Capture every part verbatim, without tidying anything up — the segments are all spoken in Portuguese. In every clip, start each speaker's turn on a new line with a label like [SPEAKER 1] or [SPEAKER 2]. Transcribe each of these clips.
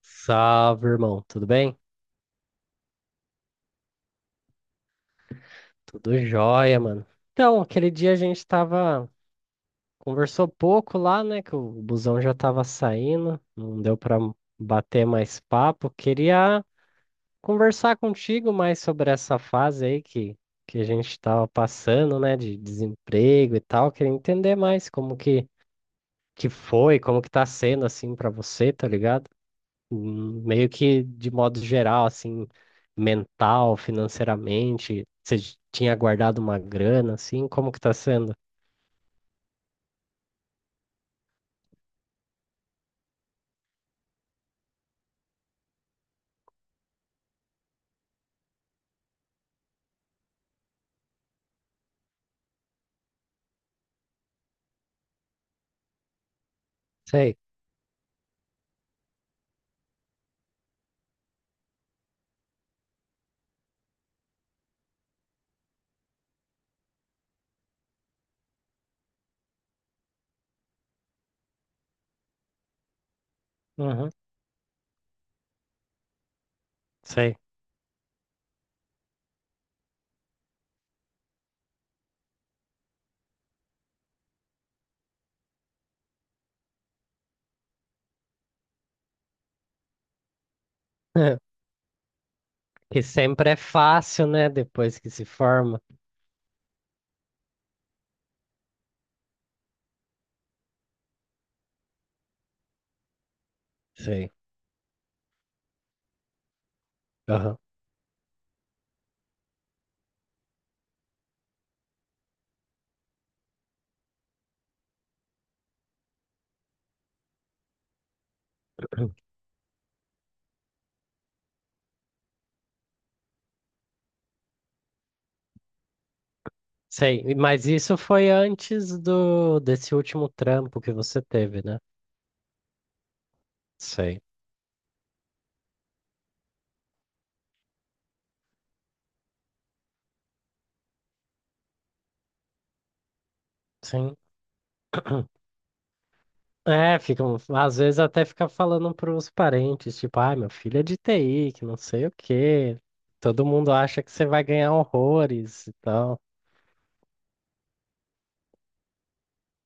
[SPEAKER 1] Salve, irmão. Tudo bem? Tudo jóia, mano. Então, aquele dia a gente tava. Conversou pouco lá, né? Que o busão já tava saindo. Não deu pra bater mais papo. Queria conversar contigo mais sobre essa fase aí que, que a gente tava passando, né? De desemprego e tal. Queria entender mais como que, que foi, como que tá sendo assim pra você, tá ligado? Hum, Meio que de modo geral, assim, mental, financeiramente, você j- tinha guardado uma grana, assim, como que tá sendo? Sei. Uhum, sei. Que sempre é fácil, né? Depois que se forma. Sei. Aham. Sei. E- Mas isso foi antes do desse último trampo que você teve, né? Sei. Sim. É, ficam, às vezes até fica falando pros parentes, tipo, ah, meu filho é de T I, que não sei o quê. Todo mundo acha que você vai ganhar horrores e tal.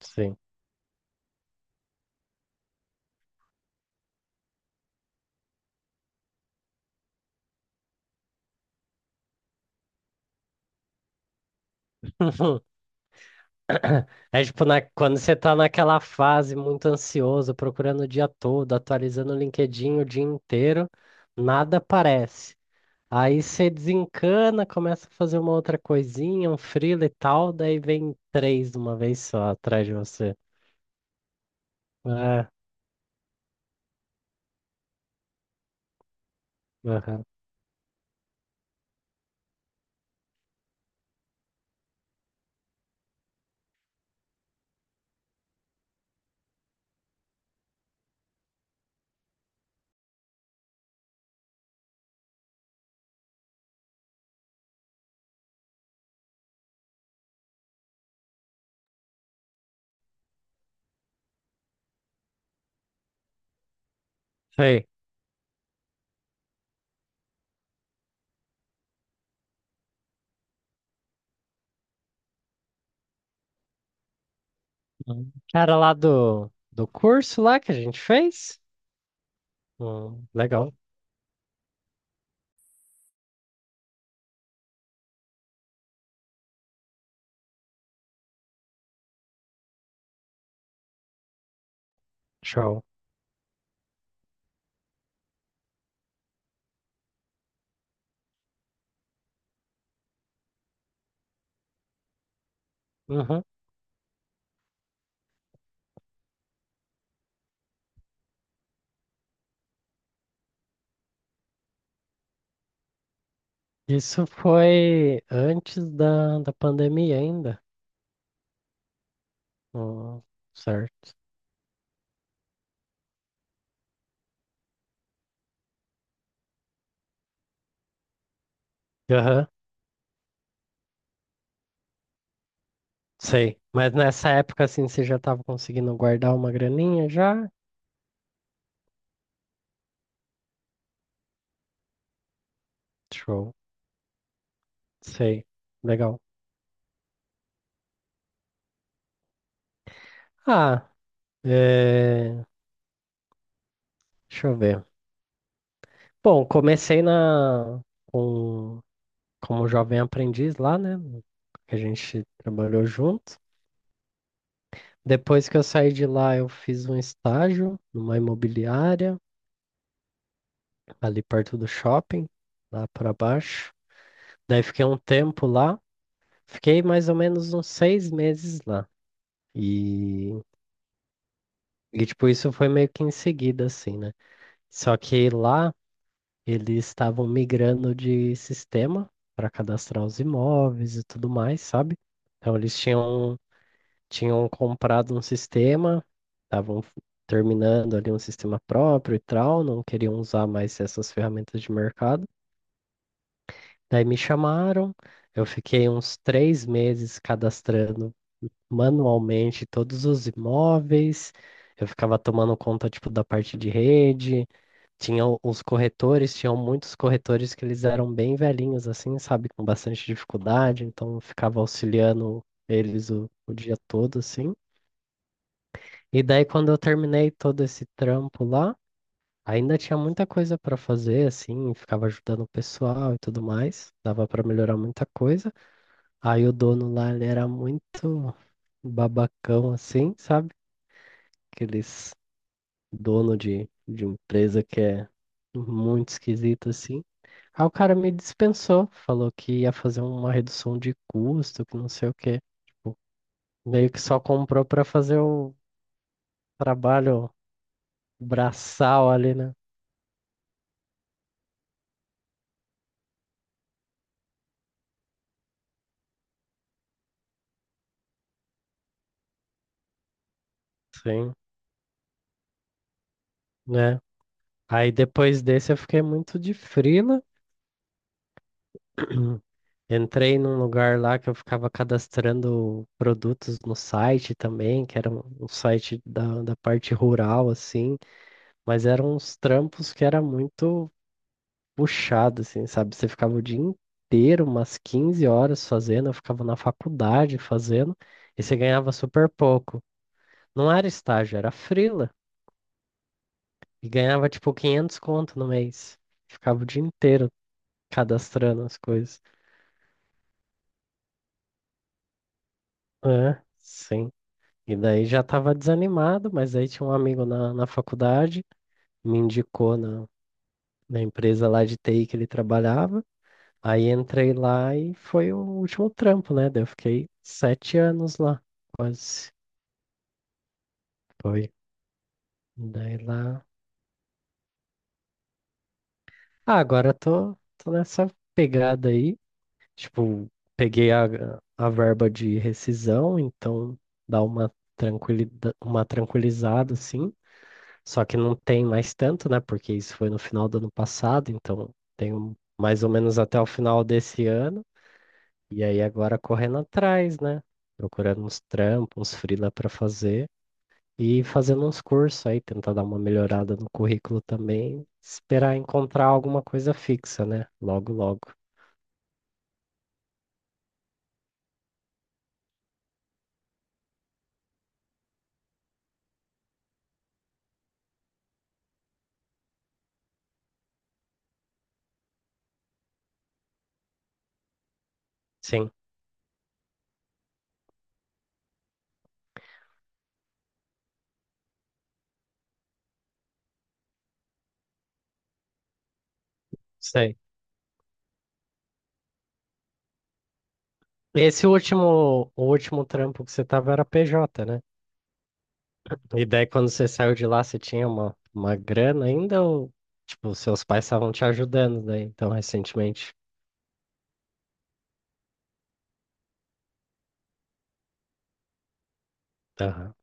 [SPEAKER 1] Sim. É tipo, na, quando você tá naquela fase muito ansioso, procurando o dia todo, atualizando o LinkedIn o dia inteiro, nada aparece. Aí você desencana, começa a fazer uma outra coisinha, um freela e tal, daí vem três de uma vez só atrás de você. É, aham. Sei. Cara lá do, do curso lá que a gente fez? Hum, legal. Show. Uhum. Isso foi antes da, da pandemia ainda. Hum, certo. Aham, sei. Mas nessa época, assim, você já estava conseguindo guardar uma graninha já? Show. Sei. Legal. Ah, é, deixa eu ver. Bom, comecei na... com... como jovem aprendiz lá, né? Que a gente trabalhou junto. Depois que eu saí de lá, eu fiz um estágio numa imobiliária, ali perto do shopping, lá para baixo. Daí fiquei um tempo lá, fiquei mais ou menos uns seis meses lá. E, e tipo, isso foi meio que em seguida, assim, né? Só que lá eles estavam migrando de sistema para cadastrar os imóveis e tudo mais, sabe? Então eles tinham tinham comprado um sistema, estavam terminando ali um sistema próprio e tal, não queriam usar mais essas ferramentas de mercado. Daí me chamaram, eu fiquei uns três meses cadastrando manualmente todos os imóveis. Eu ficava tomando conta, tipo, da parte de rede. Tinha o- os corretores, tinham muitos corretores que eles eram bem velhinhos, assim, sabe, com bastante dificuldade. Então, eu ficava auxiliando eles o, o dia todo, assim. E daí, quando eu terminei todo esse trampo lá, ainda tinha muita coisa para fazer, assim, ficava ajudando o pessoal e tudo mais, dava para melhorar muita coisa. Aí o dono lá, ele era muito babacão, assim, sabe? Aqueles dono de, de empresa que é muito esquisito, assim. Aí o cara me dispensou, falou que ia fazer uma redução de custo, que não sei o quê. Tipo, meio que só comprou para fazer o trabalho braçal ali, né? Sim. Né? Aí depois desse eu fiquei muito de frila. Entrei num lugar lá que eu ficava cadastrando produtos no site também, que era um um site da, da parte rural, assim, mas eram uns trampos que era muito puxado, assim, sabe? Você ficava o dia inteiro, umas quinze horas fazendo, eu ficava na faculdade fazendo, e você ganhava super pouco. Não era estágio, era frila, e ganhava tipo quinhentos conto no mês. Ficava o dia inteiro cadastrando as coisas. É, sim. E daí já estava desanimado, mas aí tinha um amigo na, na faculdade, me indicou na, na empresa lá de T I que ele trabalhava. Aí entrei lá e foi o último trampo, né? Daí eu fiquei sete anos lá, quase. Foi. Daí lá. Ah, agora eu tô, tô nessa pegada aí. Tipo, peguei a, a verba de rescisão, então dá uma tranquilida, uma tranquilizada, assim. Só que não tem mais tanto, né? Porque isso foi no final do ano passado, então tenho mais ou menos até o final desse ano. E aí agora correndo atrás, né? Procurando uns trampos, uns freela para fazer e fazendo uns cursos aí, tentar dar uma melhorada no currículo também, esperar encontrar alguma coisa fixa, né? Logo, logo. Sim, sei. Esse último, o último trampo que você tava era P J, né? E daí, quando você saiu de lá, você tinha uma, uma grana ainda ou, tipo, seus pais estavam te ajudando daí, então, recentemente? Aham,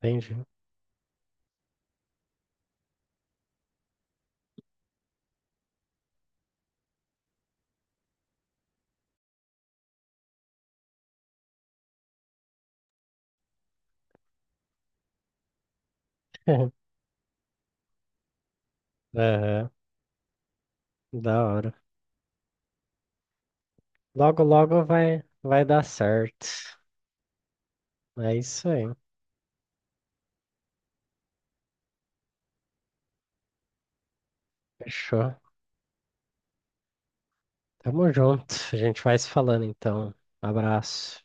[SPEAKER 1] entendi. Aham, da hora. Logo, logo vai, vai dar certo. É isso aí, fechou. Tamo junto, a gente vai se falando então. Abraço.